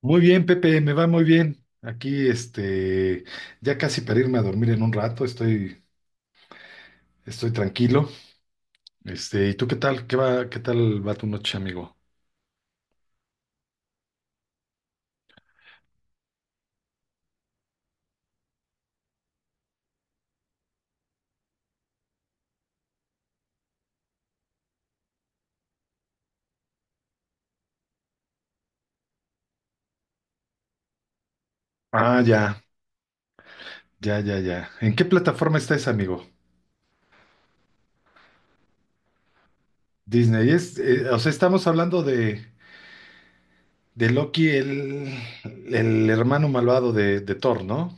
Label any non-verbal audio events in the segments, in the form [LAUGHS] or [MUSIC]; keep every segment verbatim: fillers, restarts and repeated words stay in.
Muy bien, Pepe, me va muy bien. Aquí, este, ya casi para irme a dormir en un rato, estoy, estoy tranquilo. Este, ¿y tú qué tal? ¿Qué va, qué tal va tu noche, amigo? Ah, ya, ya, ya, ya. ¿En qué plataforma está ese amigo? Disney. Es, eh, o sea, estamos hablando de, de Loki, el, el hermano malvado de, de Thor, ¿no?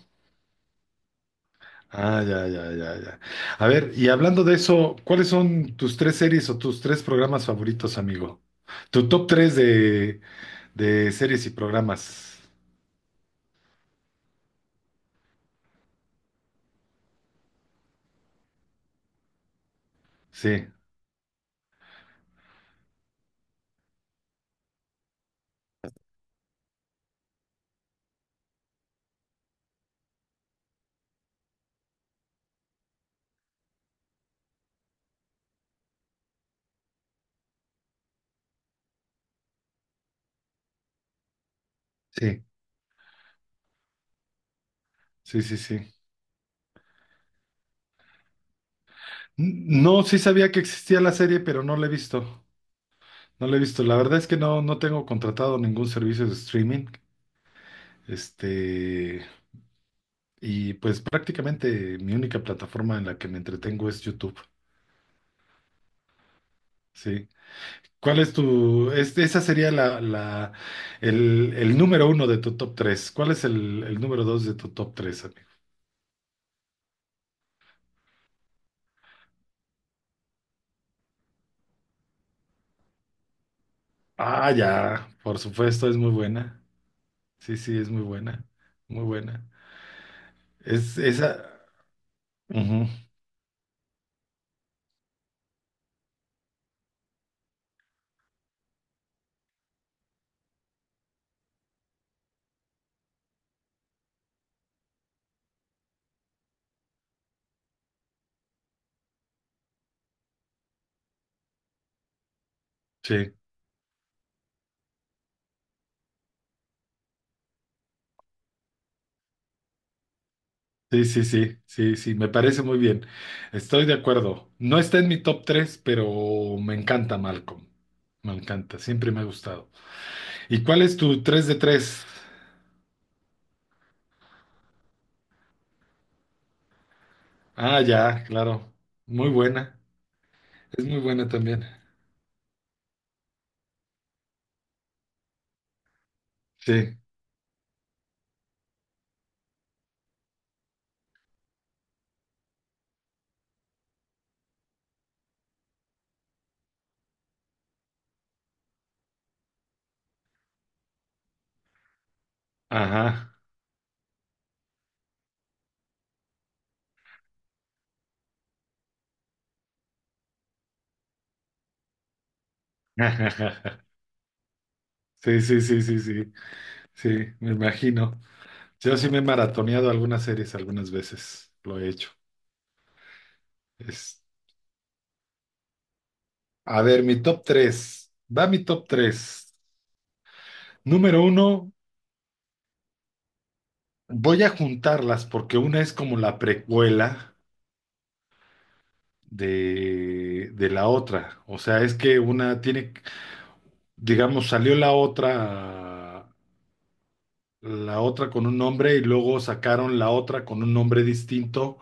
Ah, ya, ya, ya, ya. A ver, y hablando de eso, ¿cuáles son tus tres series o tus tres programas favoritos, amigo? Tu top tres de De series y programas. Sí, sí, sí, sí, sí. N- No, sí sabía que existía la serie, pero no la he visto. No la he visto. La verdad es que no, no tengo contratado ningún servicio de streaming. Este, y pues prácticamente mi única plataforma en la que me entretengo es YouTube. Sí. ¿Cuál es tu, es- esa sería la, la, el, el número uno de tu top tres? ¿Cuál es el, el número dos de tu top tres, amigo? Ah, ya, por supuesto, es muy buena. Sí, sí, es muy buena, muy buena. Es esa. Ujú. Sí, sí, sí, sí, sí, sí, me parece muy bien. Estoy de acuerdo. No está en mi top tres pero me encanta Malcolm. Me encanta, siempre me ha gustado. ¿Y cuál es tu tres de tres? Ah, ya, claro. Muy buena. Es muy buena también. Sí, ajá. [LAUGHS] Sí, sí, sí, sí, sí, sí, me imagino. Yo sí me he maratoneado algunas series algunas veces, lo he hecho. A ver, mi top tres, Va mi top tres. Número uno, voy a juntarlas porque una es como la precuela de, de la otra. O sea, es que una tiene, digamos, salió la otra, la otra con un nombre y luego sacaron la otra con un nombre distinto,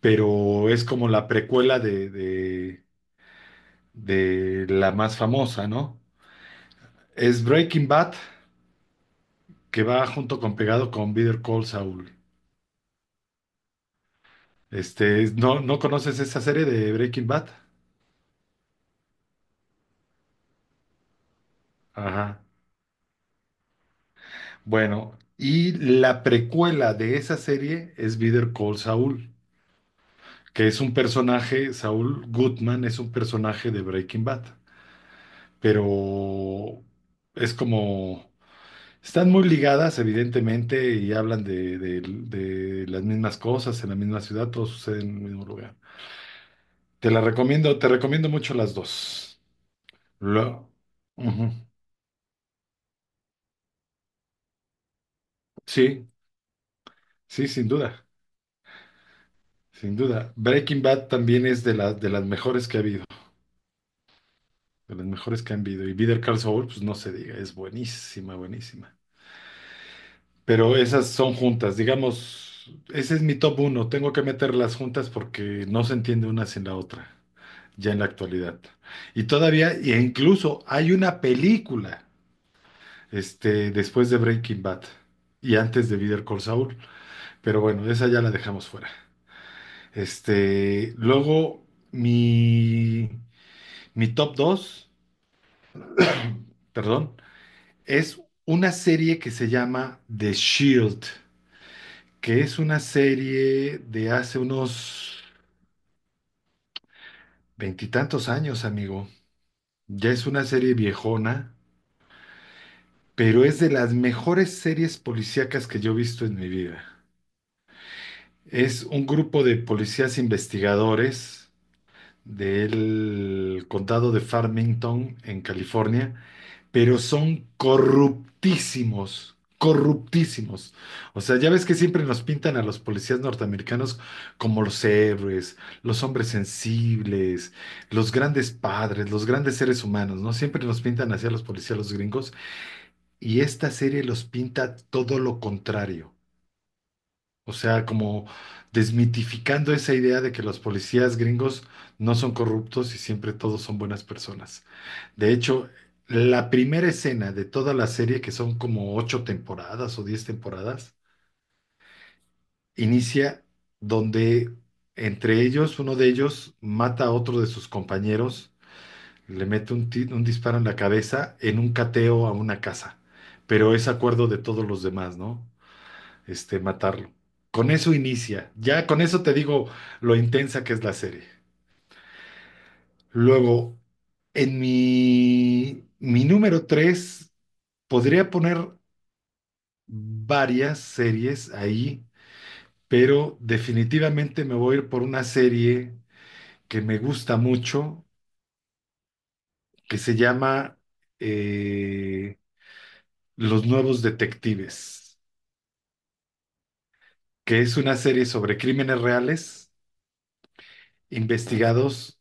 pero es como la precuela de, de, de la más famosa, ¿no? Es Breaking Bad, que va junto con pegado con Better Call Saul. Este, ¿no, no conoces esa serie de Breaking Bad? Ajá. Bueno, y la precuela de esa serie es Better Call Saul, que es un personaje, Saul Goodman es un personaje de Breaking Bad, pero es como, están muy ligadas evidentemente y hablan de, de- de las mismas cosas en la misma ciudad, todo sucede en el mismo lugar. Te la recomiendo, te recomiendo mucho las dos. Lo, Ujú. Sí, sí, sin duda. Sin duda. Breaking Bad también es de, las de las mejores que ha habido, de las mejores que han habido. Y Better Call Saul, pues no se diga, es buenísima, buenísima. Pero esas son juntas, digamos, ese es mi top uno. Tengo que meterlas juntas porque no se entiende una sin la otra, ya en la actualidad. Y todavía, e incluso hay una película, este, después de Breaking Bad y antes de Better Call Saul. Pero bueno, esa ya la dejamos fuera. Este, luego, mi, mi top dos. Perdón, es una serie que se llama The Shield, que es una serie de hace unos veintitantos años, amigo. Ya es una serie viejona, pero es de las mejores series policíacas que yo he visto en mi vida. Es un grupo de policías investigadores del condado de Farmington, en California, pero son corruptísimos, corruptísimos. O sea, ya ves que siempre nos pintan a los policías norteamericanos como los héroes, los hombres sensibles, los grandes padres, los grandes seres humanos, ¿no? Siempre nos pintan hacia los policías los gringos y esta serie los pinta todo lo contrario. O sea, como desmitificando esa idea de que los policías gringos no son corruptos y siempre todos son buenas personas. De hecho, la primera escena de toda la serie, que son como ocho temporadas o diez temporadas, inicia donde entre ellos, uno de ellos mata a otro de sus compañeros, le mete un, ti- un disparo en la cabeza en un cateo a una casa, pero es acuerdo de todos los demás, ¿no? Este, matarlo. Con eso inicia. Ya con eso te digo lo intensa que es la serie. Luego, en mi, mi número tres, podría poner varias series ahí, pero definitivamente me voy a ir por una serie que me gusta mucho, que se llama eh, Los Nuevos Detectives, que es una serie sobre crímenes reales investigados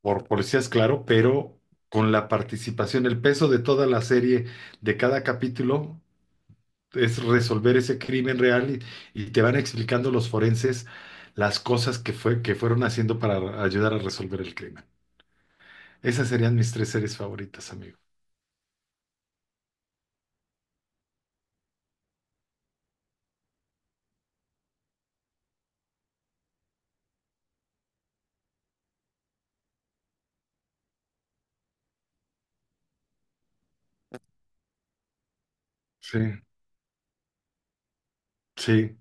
por policías, claro, pero con la participación, el peso de toda la serie, de cada capítulo, es resolver ese crimen real y, y te van explicando los forenses las cosas que fue, que fueron haciendo para ayudar a resolver el crimen. Esas serían mis tres series favoritas, amigo. Sí, sí.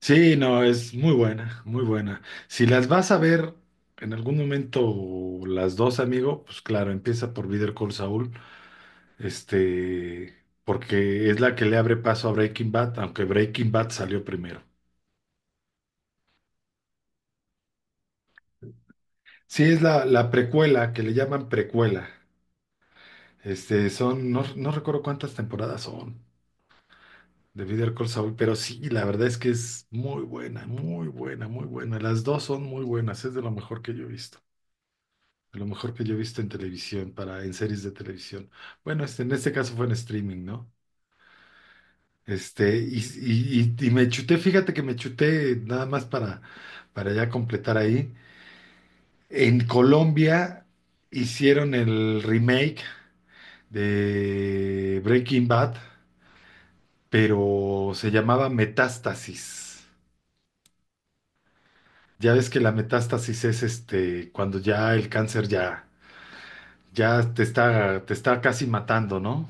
Sí, no, es muy buena, muy buena. Si las vas a ver en algún momento las dos, amigo, pues claro, empieza por Better Call Saul, este, porque es la que le abre paso a Breaking Bad, aunque Breaking Bad salió primero. Sí, es la, la precuela, que le llaman precuela. Este, son, no, no recuerdo cuántas temporadas son de Better Call Saul, pero sí, la verdad es que es muy buena, muy buena, muy buena. Las dos son muy buenas, es de lo mejor que yo he visto, de lo mejor que yo he visto en televisión, para, en series de televisión. Bueno, este, en este caso fue en streaming, ¿no? Este, y, y, y- y me chuté, fíjate que me chuté nada más para, para ya completar ahí. En Colombia hicieron el remake de Breaking Bad. Pero se llamaba metástasis. Ya ves que la metástasis es este cuando ya el cáncer ya, ya te está, te está casi matando, ¿no?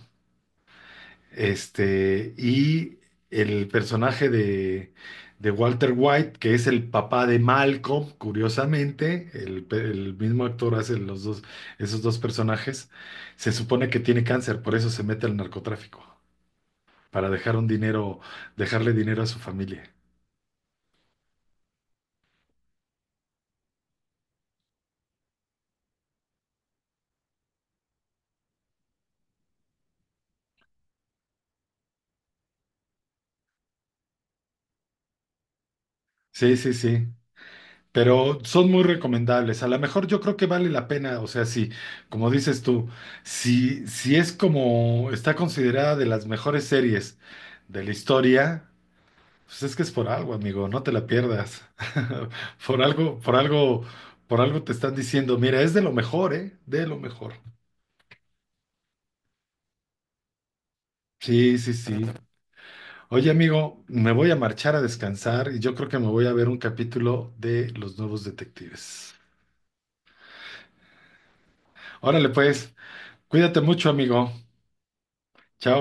Este, y el personaje de, de Walter White, que es el papá de Malcolm, curiosamente, el, pe- el mismo actor hace los dos, esos dos personajes, se supone que tiene cáncer, por eso se mete al narcotráfico, para dejar un dinero, dejarle dinero a su familia. Sí, sí, sí. Pero son muy recomendables. A lo mejor yo creo que vale la pena, o sea, si, como dices tú, si, si es como está considerada de las mejores series de la historia, pues es que es por algo, amigo, no te la pierdas. [LAUGHS] Por algo, por algo, por algo te están diciendo, mira, es de lo mejor, ¿eh? De lo mejor. Sí, sí, sí. Oye, amigo, me voy a marchar a descansar y yo creo que me voy a ver un capítulo de Los Nuevos Detectives. Órale, pues, cuídate mucho, amigo. Chao.